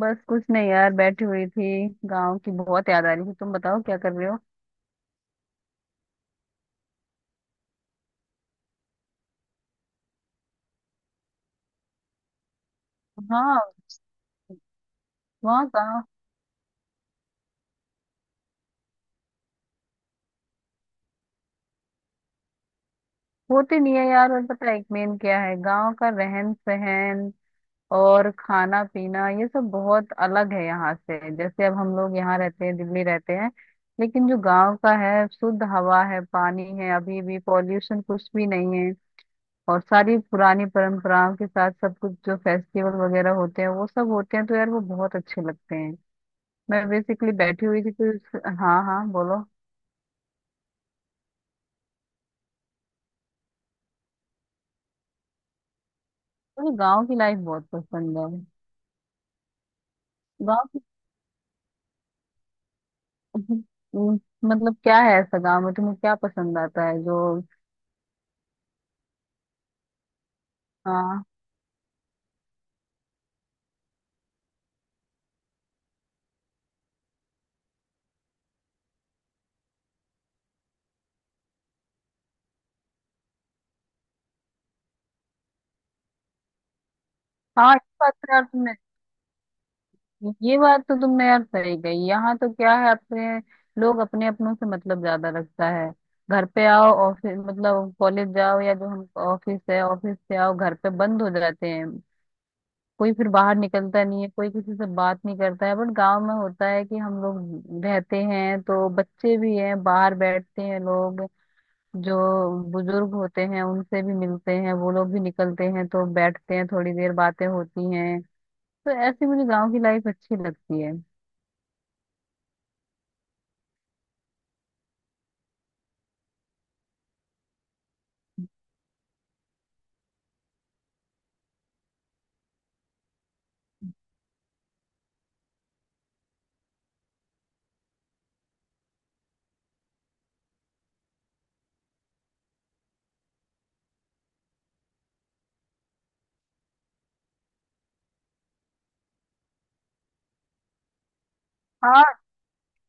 बस कुछ नहीं यार, बैठी हुई थी। गांव की बहुत याद आ रही थी। तुम बताओ, क्या कर रहे हो। हाँ। वहाँ गाँव होती नहीं है यार। और पता है एक मेन क्या है, गांव का रहन सहन और खाना पीना ये सब बहुत अलग है यहाँ से। जैसे अब हम लोग यहाँ रहते हैं, दिल्ली रहते हैं। लेकिन जो गांव का है, शुद्ध हवा है, पानी है, अभी भी पॉल्यूशन कुछ भी नहीं है। और सारी पुरानी परंपराओं के साथ सब कुछ, जो फेस्टिवल वगैरह होते हैं वो सब होते हैं, तो यार वो बहुत अच्छे लगते हैं। मैं बेसिकली बैठी हुई थी कुछ। हाँ हाँ, बोलो। मुझे गांव की लाइफ बहुत पसंद है। गांव की। हम्म, मतलब क्या है, ऐसा गांव में तुम्हें क्या पसंद आता है जो। हाँ हाँ, ये बात तो यार तुमने। ये बात तो तुमने यार सही कही। यहाँ तो क्या है, अपने लोग अपने अपनों से मतलब ज्यादा रखता है। घर पे आओ, ऑफिस मतलब कॉलेज जाओ, या जो हम ऑफिस है, ऑफिस से आओ घर पे बंद हो जाते हैं। कोई फिर बाहर निकलता नहीं है, कोई किसी से बात नहीं करता है। बट गांव में होता है कि हम लोग रहते हैं, तो बच्चे भी हैं, बाहर बैठते हैं लोग। जो बुजुर्ग होते हैं उनसे भी मिलते हैं, वो लोग भी निकलते हैं, तो बैठते हैं थोड़ी देर, बातें होती हैं। तो ऐसी मुझे गांव की लाइफ अच्छी लगती है।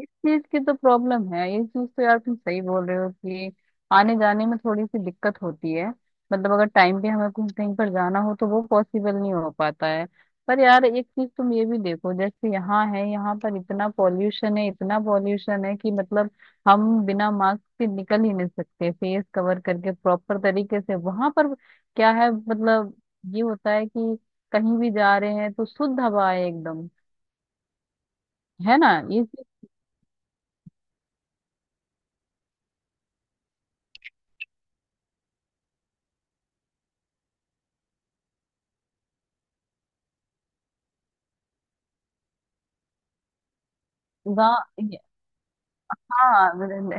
इस चीज की तो प्रॉब्लम है। ये चीज तो यार तुम सही बोल रहे हो कि आने जाने में थोड़ी सी दिक्कत होती है। मतलब अगर टाइम पे हमें कुछ कहीं पर जाना हो, तो वो पॉसिबल नहीं हो पाता है। पर यार एक चीज तुम ये भी देखो, जैसे यहाँ है यहाँ पर इतना पॉल्यूशन है, इतना पॉल्यूशन है कि मतलब हम बिना मास्क के निकल ही नहीं सकते, फेस कवर करके प्रॉपर तरीके से। वहां पर क्या है मतलब, ये होता है कि कहीं भी जा रहे हैं तो शुद्ध हवा है एकदम। है ना ये चीज। हाँ,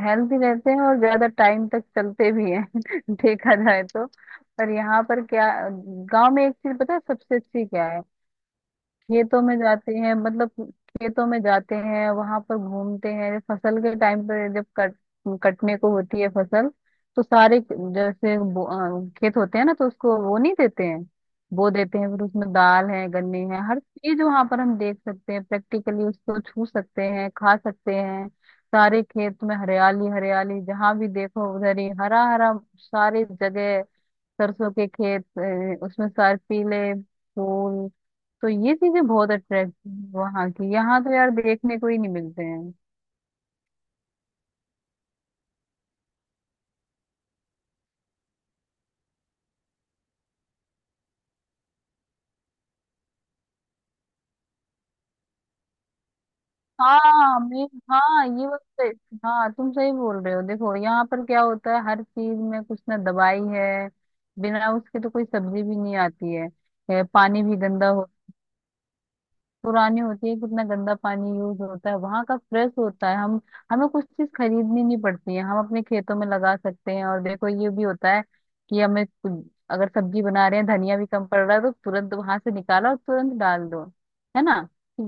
हेल्दी रहते हैं और ज्यादा टाइम तक चलते भी हैं देखा जाए तो। पर यहाँ पर क्या, गांव में एक चीज पता है सबसे अच्छी क्या है। खेतों में जाते हैं, मतलब खेतों में जाते हैं, वहां पर घूमते हैं। फसल के टाइम पर जब कट कटने को होती है फसल, तो सारे जैसे खेत होते हैं ना तो उसको वो नहीं देते हैं। बो देते हैं, फिर उसमें दाल है, गन्ने हैं, हर चीज वहां पर हम देख सकते हैं प्रैक्टिकली, उसको छू सकते हैं, खा सकते हैं। सारे खेत में हरियाली हरियाली, जहां भी देखो उधर ही हरा हरा सारी जगह। सरसों के खेत, उसमें सारे पीले फूल। तो ये चीजें बहुत अट्रैक्टिव वहां की, यहाँ तो यार देखने को ही नहीं मिलते हैं। हाँ मैं। हाँ तुम सही बोल रहे हो। देखो यहाँ पर क्या होता है, हर चीज में कुछ ना दवाई है, बिना उसके तो कोई सब्जी भी नहीं आती है। पानी भी गंदा, पुरानी होती है। कितना गंदा पानी यूज होता है, वहां का फ्रेश होता है। हम हमें कुछ चीज खरीदनी नहीं पड़ती है, हम अपने खेतों में लगा सकते हैं। और देखो ये भी होता है कि अगर सब्जी बना रहे हैं, धनिया भी कम पड़ रहा है, तो तुरंत वहां से निकाला और तुरंत डाल दो। है ना,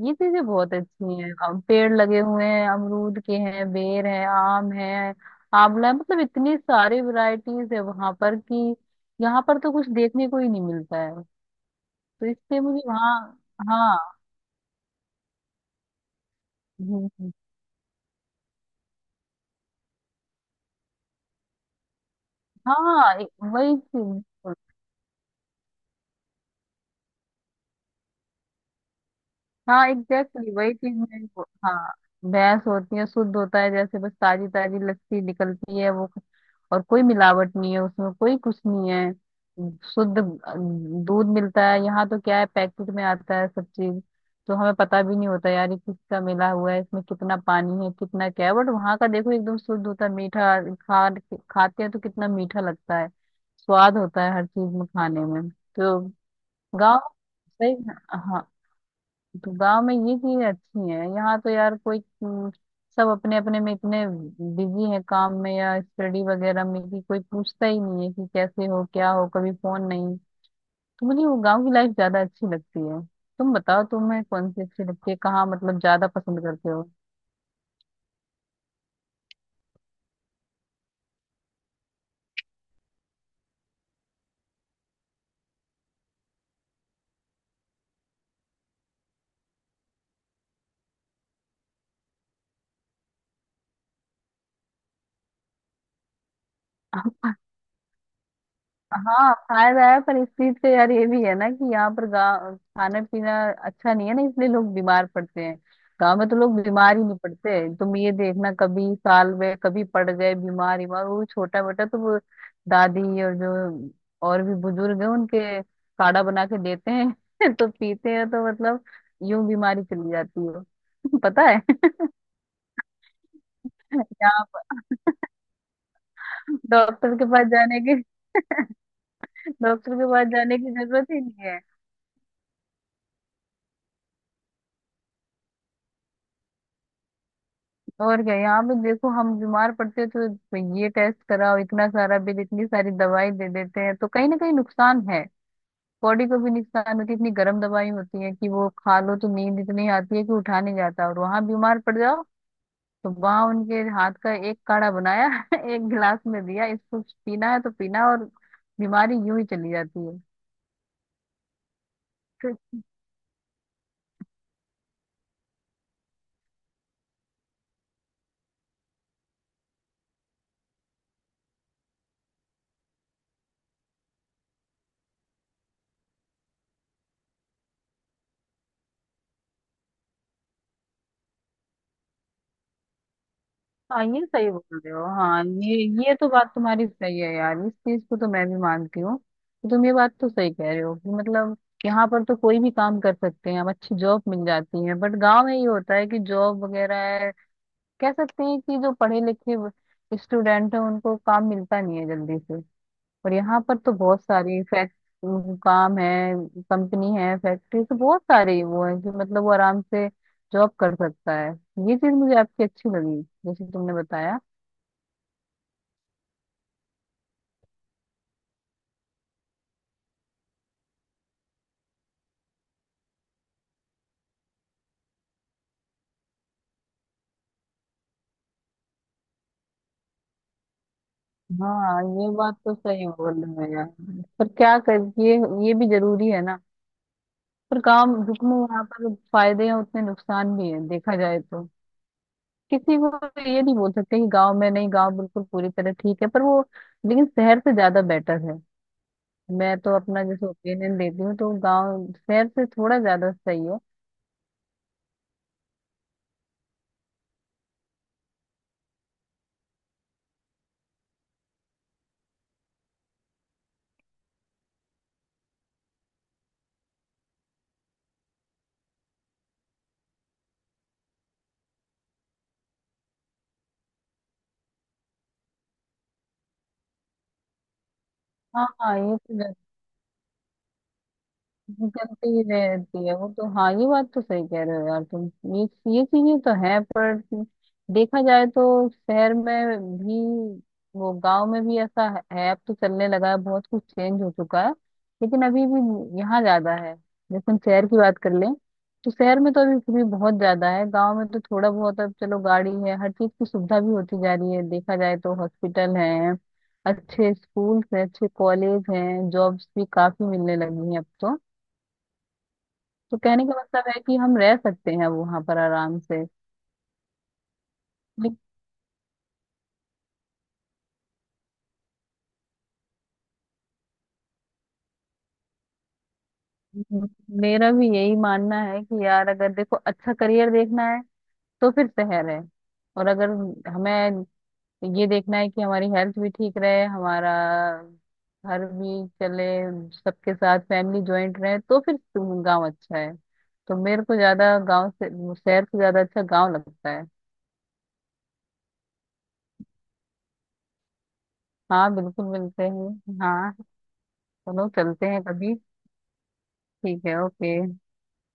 ये चीजें बहुत अच्छी हैं। पेड़ लगे हुए हैं, अमरूद के हैं, बेर है, आम है, आंवला है। मतलब इतनी सारी वैरायटीज है वहां पर कि यहाँ पर तो कुछ देखने को ही नहीं मिलता है। तो इससे मुझे वहाँ। हाँ। हम्म, हम्म। हाँ ए- वही चीज। हाँ एग्जैक्टली वही चीज मैं वो- हाँ भैंस होती है, शुद्ध होता है। जैसे बस ताजी ताजी लस्सी निकलती है वो, और कोई मिलावट नहीं है उसमें, कोई कुछ नहीं है। शुद्ध दूध मिलता है। यहाँ तो क्या है, पैकेट में आता है सब चीज। तो हमें पता भी नहीं होता यार ये किसका मिला हुआ है, इसमें कितना पानी है, कितना क्या है। बट वहाँ का देखो एकदम शुद्ध होता है, मीठा खा खाते हैं तो कितना मीठा लगता है। स्वाद होता है हर चीज में खाने में। तो गाँव। सही। हाँ। तो गाँव में ये चीजें अच्छी हैं, यहाँ तो यार कोई। हम्म, सब अपने अपने में इतने बिजी है काम में या स्टडी वगैरह में कि कोई पूछता ही नहीं है कि कैसे हो क्या हो, कभी फोन नहीं। तो मुझे वो गाँव की लाइफ ज्यादा अच्छी लगती है। तुम बताओ तुम्हें कौन सी अच्छी लगती है, कहाँ मतलब ज्यादा पसंद करते हो। हाँ फायदा है। पर इस चीज का यार ये भी है ना कि यहाँ पर गाँव खाना पीना अच्छा नहीं है ना, इसलिए लोग बीमार पड़ते हैं। गाँव में तो लोग बीमार ही नहीं पड़ते। तुम ये देखना, कभी साल में कभी पड़ गए बीमार, बीमार वो छोटा बेटा तो वो दादी और जो और भी बुजुर्ग है उनके काढ़ा बना के देते हैं तो पीते हैं, तो मतलब यूं बीमारी चली जाती है पता है। यहाँ पर डॉक्टर के पास जाने की। डॉक्टर के पास जाने की जरूरत ही नहीं। और क्या, यहाँ पे देखो हम बीमार पड़ते हैं तो ये टेस्ट कराओ, इतना सारा बिल, इतनी सारी दवाई दे देते हैं, तो कहीं ना कहीं नुकसान है। बॉडी को भी नुकसान होती है। इतनी गर्म दवाई होती है कि वो खा लो तो नींद इतनी आती है कि उठा नहीं जाता। और वहां बीमार पड़ जाओ तो वहां उनके हाथ का एक काढ़ा बनाया एक गिलास में दिया, इसको पीना है तो पीना, और बीमारी यूं ही चली जाती है। हाँ ये सही बोल रहे हो। हाँ ये तो बात तुम्हारी सही है यार, इस चीज को तो मैं भी मानती हूँ। तो तुम ये बात तो सही कह रहे हो कि मतलब यहाँ पर तो कोई भी काम कर सकते हैं हम, अच्छी जॉब मिल जाती है। बट गांव में ये होता है कि जॉब वगैरह है, कह सकते हैं कि जो पढ़े लिखे स्टूडेंट हैं उनको काम मिलता नहीं है जल्दी से। और यहाँ पर तो बहुत सारी फैक्ट काम है, कंपनी है, फैक्ट्री तो बहुत सारे वो है कि मतलब वो आराम से जॉब कर सकता है। ये चीज मुझे आपकी अच्छी लगी जैसे तुमने बताया। हाँ ये बात तो सही बोल रहे हो यार। पर क्या कर ये ये भी जरूरी है ना। पर काम, जितने यहाँ पर फायदे हैं उतने नुकसान भी हैं देखा जाए तो। किसी को तो ये नहीं बोल सकते कि गांव में नहीं, गांव बिल्कुल पूरी तरह ठीक है पर वो, लेकिन शहर से ज्यादा बेटर है। मैं तो अपना जैसे ओपिनियन देती हूँ तो गांव शहर से थोड़ा ज्यादा सही है। हाँ हाँ, ये तो, वो चलती रहती है वो तो। हाँ, ये बात तो सही कह रहे हो यार तुम। ये ये चीजें तो है, पर देखा जाए तो शहर में भी वो, गांव में भी ऐसा है, अब तो चलने लगा है, बहुत कुछ चेंज हो चुका है, लेकिन अभी भी यहाँ ज्यादा है। जैसे हम शहर की बात कर लें, तो शहर में तो अभी भी बहुत ज्यादा है। गांव में तो थोड़ा बहुत अब चलो गाड़ी है, हर चीज की सुविधा भी होती जा रही है देखा जाए तो। हॉस्पिटल है, अच्छे स्कूल हैं, अच्छे कॉलेज हैं, जॉब्स भी काफी मिलने लगी हैं अब तो। तो कहने का मतलब है कि हम रह सकते हैं वहां पर आराम से। लेकिन मेरा भी यही मानना है कि यार अगर देखो अच्छा करियर देखना है, तो फिर शहर है। और अगर हमें ये देखना है कि हमारी हेल्थ भी ठीक रहे, हमारा घर भी चले, सबके साथ फैमिली ज्वाइंट रहे, तो फिर गांव अच्छा है। तो मेरे को ज्यादा गांव से, शहर से ज्यादा अच्छा गांव लगता है। हाँ बिल्कुल, मिलते हैं हाँ। चलो चलते हैं कभी। ठीक है, ओके।